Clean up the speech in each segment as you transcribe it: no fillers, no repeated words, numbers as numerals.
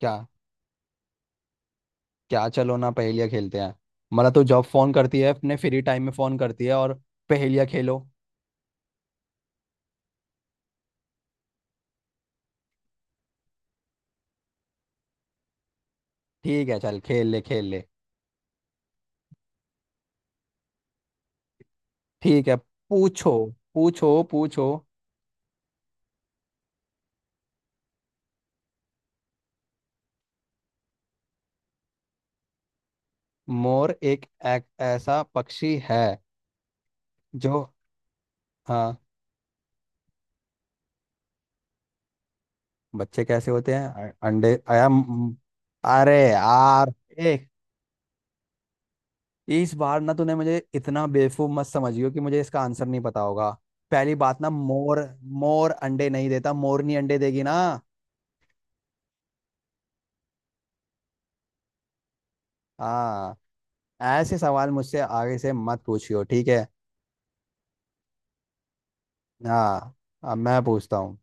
क्या क्या चलो ना पहेलियाँ खेलते हैं। मतलब, तू जब फोन करती है अपने फ्री टाइम में फोन करती है और पहेलियाँ खेलो। ठीक है, चल खेल ले खेल ले। ठीक है, पूछो पूछो पूछो। मोर एक ऐसा पक्षी है जो, हाँ, बच्चे कैसे होते हैं अंडे आया अरे यार। एक, इस बार ना तूने मुझे इतना बेवकूफ मत समझियो कि मुझे इसका आंसर नहीं पता होगा। पहली बात ना मोर मोर अंडे नहीं देता, मोरनी अंडे देगी ना। हाँ, ऐसे सवाल मुझसे आगे से मत पूछियो, ठीक है। हाँ, अब मैं पूछता हूँ।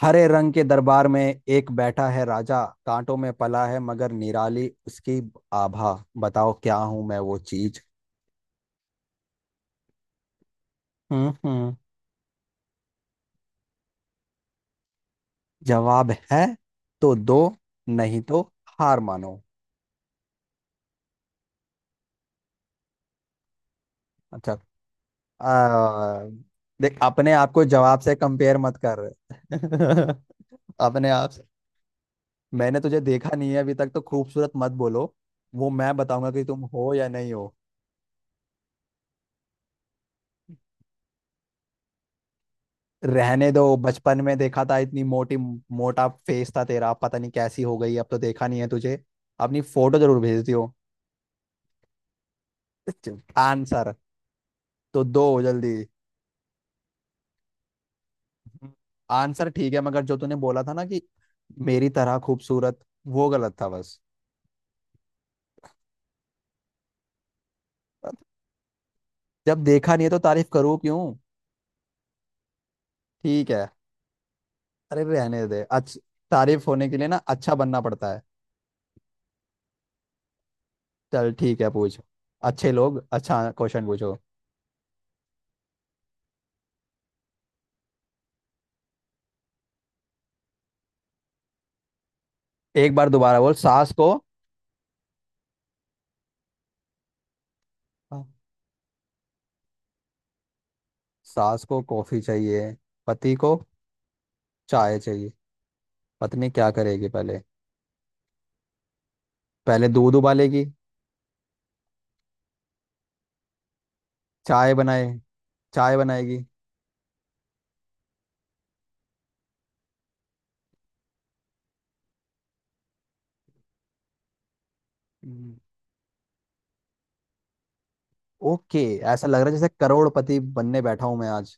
हरे रंग के दरबार में एक बैठा है राजा, कांटों में पला है मगर निराली उसकी आभा। बताओ क्या हूं मैं वो चीज। हम्म, हम्म। जवाब है तो दो, नहीं तो हार मानो। अच्छा, आ, देख अपने आप को जवाब से कंपेयर मत कर। अपने आप से। मैंने तुझे देखा नहीं है अभी तक तो खूबसूरत मत बोलो। वो मैं बताऊंगा कि तुम हो या नहीं हो। रहने दो, बचपन में देखा था, इतनी मोटी, मोटा फेस था तेरा, पता नहीं कैसी हो गई अब, तो देखा नहीं है तुझे। अपनी फोटो जरूर भेज दियो। आंसर तो दो जल्दी। आंसर ठीक है, मगर जो तूने बोला था ना कि मेरी तरह खूबसूरत, वो गलत था बस। जब देखा नहीं है तो तारीफ करूँ क्यों। ठीक है। अरे रहने दे अच्छ तारीफ होने के लिए ना अच्छा बनना पड़ता है। चल ठीक है पूछ। अच्छे लोग अच्छा क्वेश्चन पूछो। एक बार दोबारा बोल सास को। सास को कॉफी चाहिए, पति को चाय चाहिए। पत्नी क्या करेगी पहले? पहले दूध उबालेगी। चाय बनाए। चाय बनाएगी। हम्म। ओके। ऐसा लग रहा है जैसे करोड़पति बनने बैठा हूं मैं आज।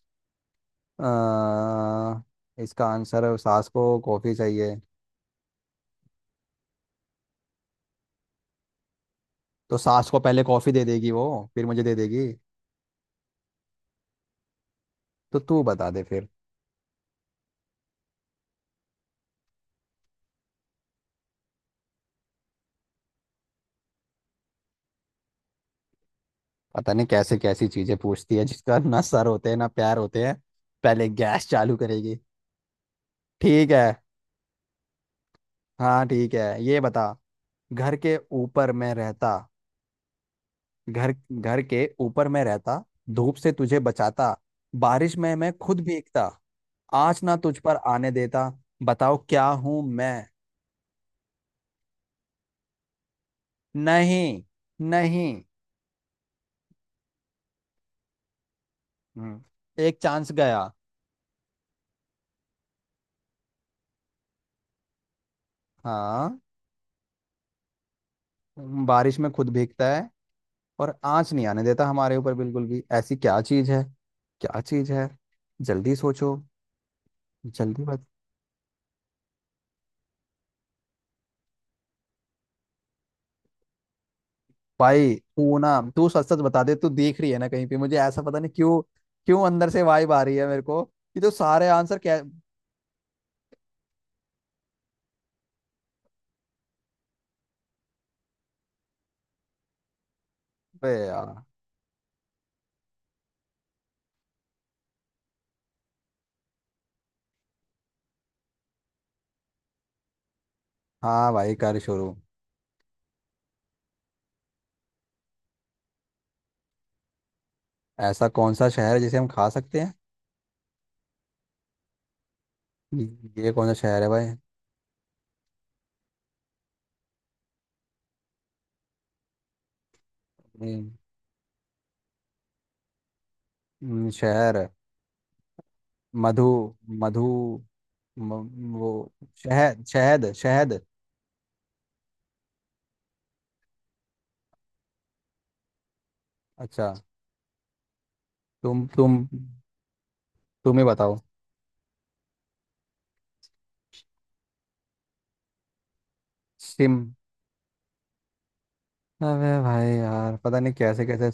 इसका आंसर, सास को कॉफी चाहिए, तो सास को पहले कॉफी दे देगी वो, फिर मुझे दे देगी। तो तू बता दे फिर। पता नहीं कैसे कैसी चीजें पूछती है जिसका ना सर होते हैं ना पैर होते हैं। पहले गैस चालू करेगी। ठीक है। हाँ ठीक है, ये बता। घर के ऊपर मैं रहता घर के ऊपर मैं रहता, धूप से तुझे बचाता, बारिश में मैं खुद भीगता, आँच ना तुझ पर आने देता। बताओ क्या हूं मैं। नहीं, नहीं। हम्म, एक चांस गया। हाँ, बारिश में खुद भीगता है, और आँच नहीं आने देता हमारे ऊपर बिल्कुल भी। ऐसी क्या चीज है? क्या चीज है? जल्दी सोचो। जल्दी। भाई तू ना, तू सच सच बता दे, तू देख रही है ना कहीं पे, मुझे ऐसा पता नहीं क्यों क्यों अंदर से वाइब आ रही है मेरे को कि तो सारे आंसर क्या। बे यार। हाँ भाई, कर शुरू। ऐसा कौन सा शहर है जिसे हम खा सकते हैं। ये कौन सा शहर है भाई? हम्म, शहर। मधु। मधु म, वो, शहद, शहद, शहद। अच्छा, तुम। तुम ही बताओ। सिम अबे भाई यार, पता नहीं कैसे कैसे।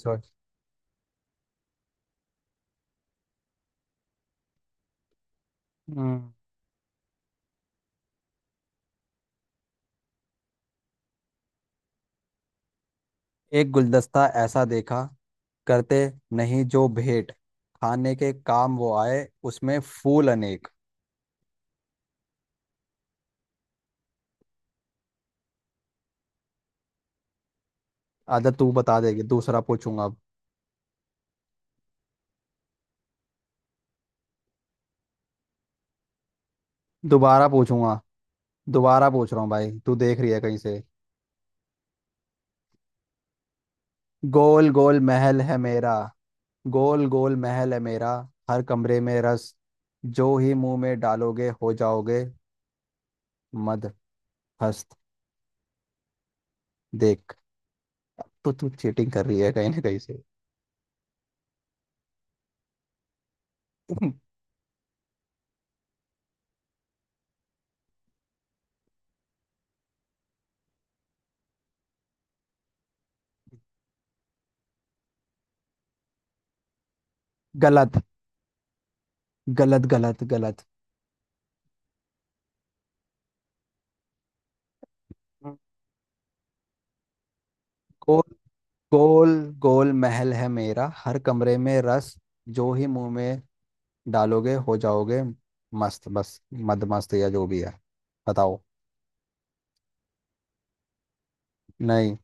सोच। एक गुलदस्ता ऐसा देखा, करते नहीं जो भेंट, खाने के काम वो आए, उसमें फूल अनेक। अच्छा तू बता देगी, दूसरा पूछूंगा अब। दोबारा पूछूंगा। दोबारा पूछ रहा हूँ भाई, तू देख रही है कहीं से? गोल गोल महल है मेरा गोल गोल महल है मेरा, हर कमरे में रस, जो ही मुंह में डालोगे हो जाओगे मद हस्त। देख। अब तो तू चीटिंग कर रही है कहीं ना कहीं से। गलत, गलत, गलत, गलत। गो गोल गोल महल है मेरा, हर कमरे में रस, जो ही मुंह में डालोगे हो जाओगे मस्त बस, मद मस्त या जो भी है। बताओ। नहीं।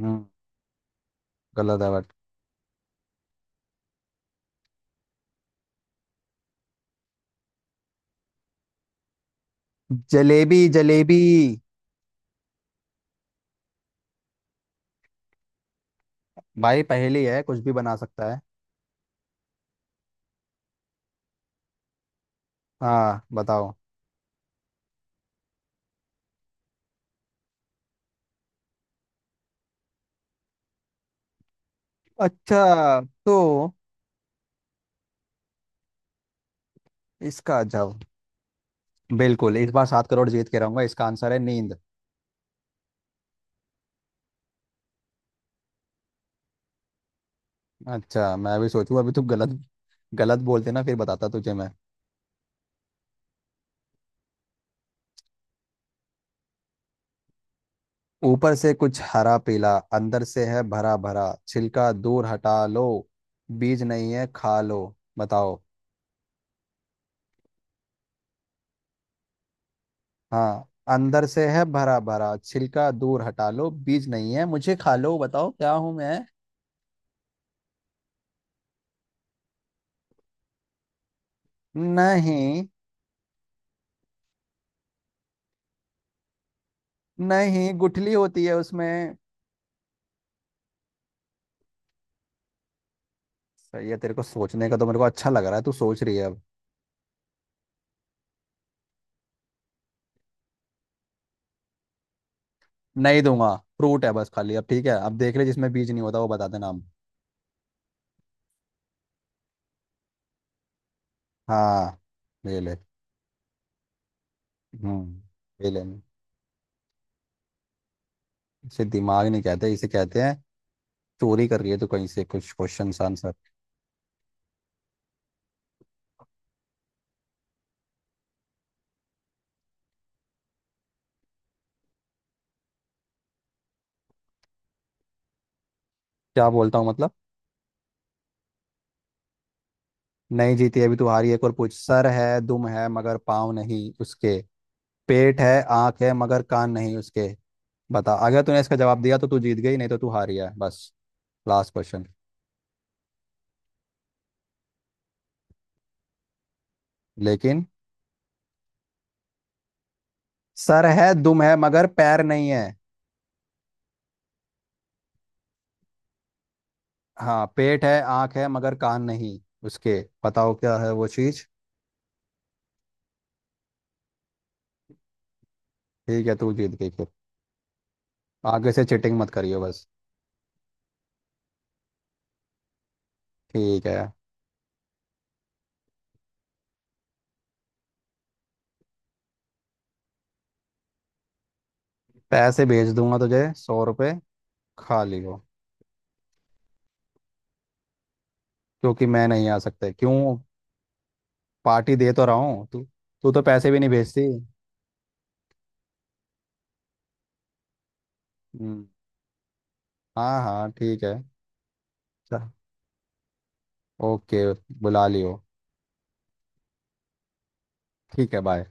हम्म, गलत है बट। जलेबी, जलेबी। भाई, पहेली है, कुछ भी बना सकता है। हाँ बताओ। अच्छा, तो इसका जवाब, बिल्कुल इस बार 7 करोड़ जीत के रहूंगा। इसका आंसर है नींद। अच्छा, मैं भी सोचूं अभी, तू गलत, गलत बोलते ना, फिर बताता तुझे मैं। ऊपर से कुछ हरा पीला, अंदर से है भरा भरा, छिलका दूर हटा लो, बीज नहीं है खा लो। बताओ। हाँ, अंदर से है भरा भरा, छिलका दूर हटा लो, बीज नहीं है मुझे खा लो, बताओ क्या हूं मैं। नहीं, नहीं, गुठली होती है उसमें। सही है तेरे को सोचने का, तो मेरे को अच्छा लग रहा है तू सोच रही है अब। नहीं दूंगा, फ्रूट है बस खाली। अब ठीक है, अब देख ले जिसमें बीज नहीं होता वो बता देना हम। हाँ, ले ले। हम्म, ले ले। इसे दिमाग नहीं कहते, इसे कहते हैं चोरी कर रही है तो कहीं से कुछ क्वेश्चन आंसर। क्या बोलता हूँ मतलब? नहीं जीती अभी तू, हारी। एक और पूछ। सर है, दुम है, मगर पाँव नहीं उसके। पेट है, आँख है, मगर कान नहीं उसके। बता, अगर तूने इसका जवाब दिया तो तू जीत गई, नहीं तो तू हारी है बस। Last question. लेकिन, सर है, दुम है, मगर पैर नहीं है। हाँ, पेट है, आँख है, मगर कान नहीं उसके। बताओ क्या है वो चीज। ठीक है, तू जीत गई फिर। आगे से चिटिंग मत करियो बस। ठीक है, पैसे भेज दूंगा तुझे 100 रुपये। खा लियो। क्योंकि मैं नहीं आ सकता। क्यों? पार्टी दे तो रहा हूँ, तू। तू तो पैसे भी नहीं भेजती। हम्म। हाँ, हाँ, ठीक है। चल, ओके, बुला लियो। ठीक है, बाय।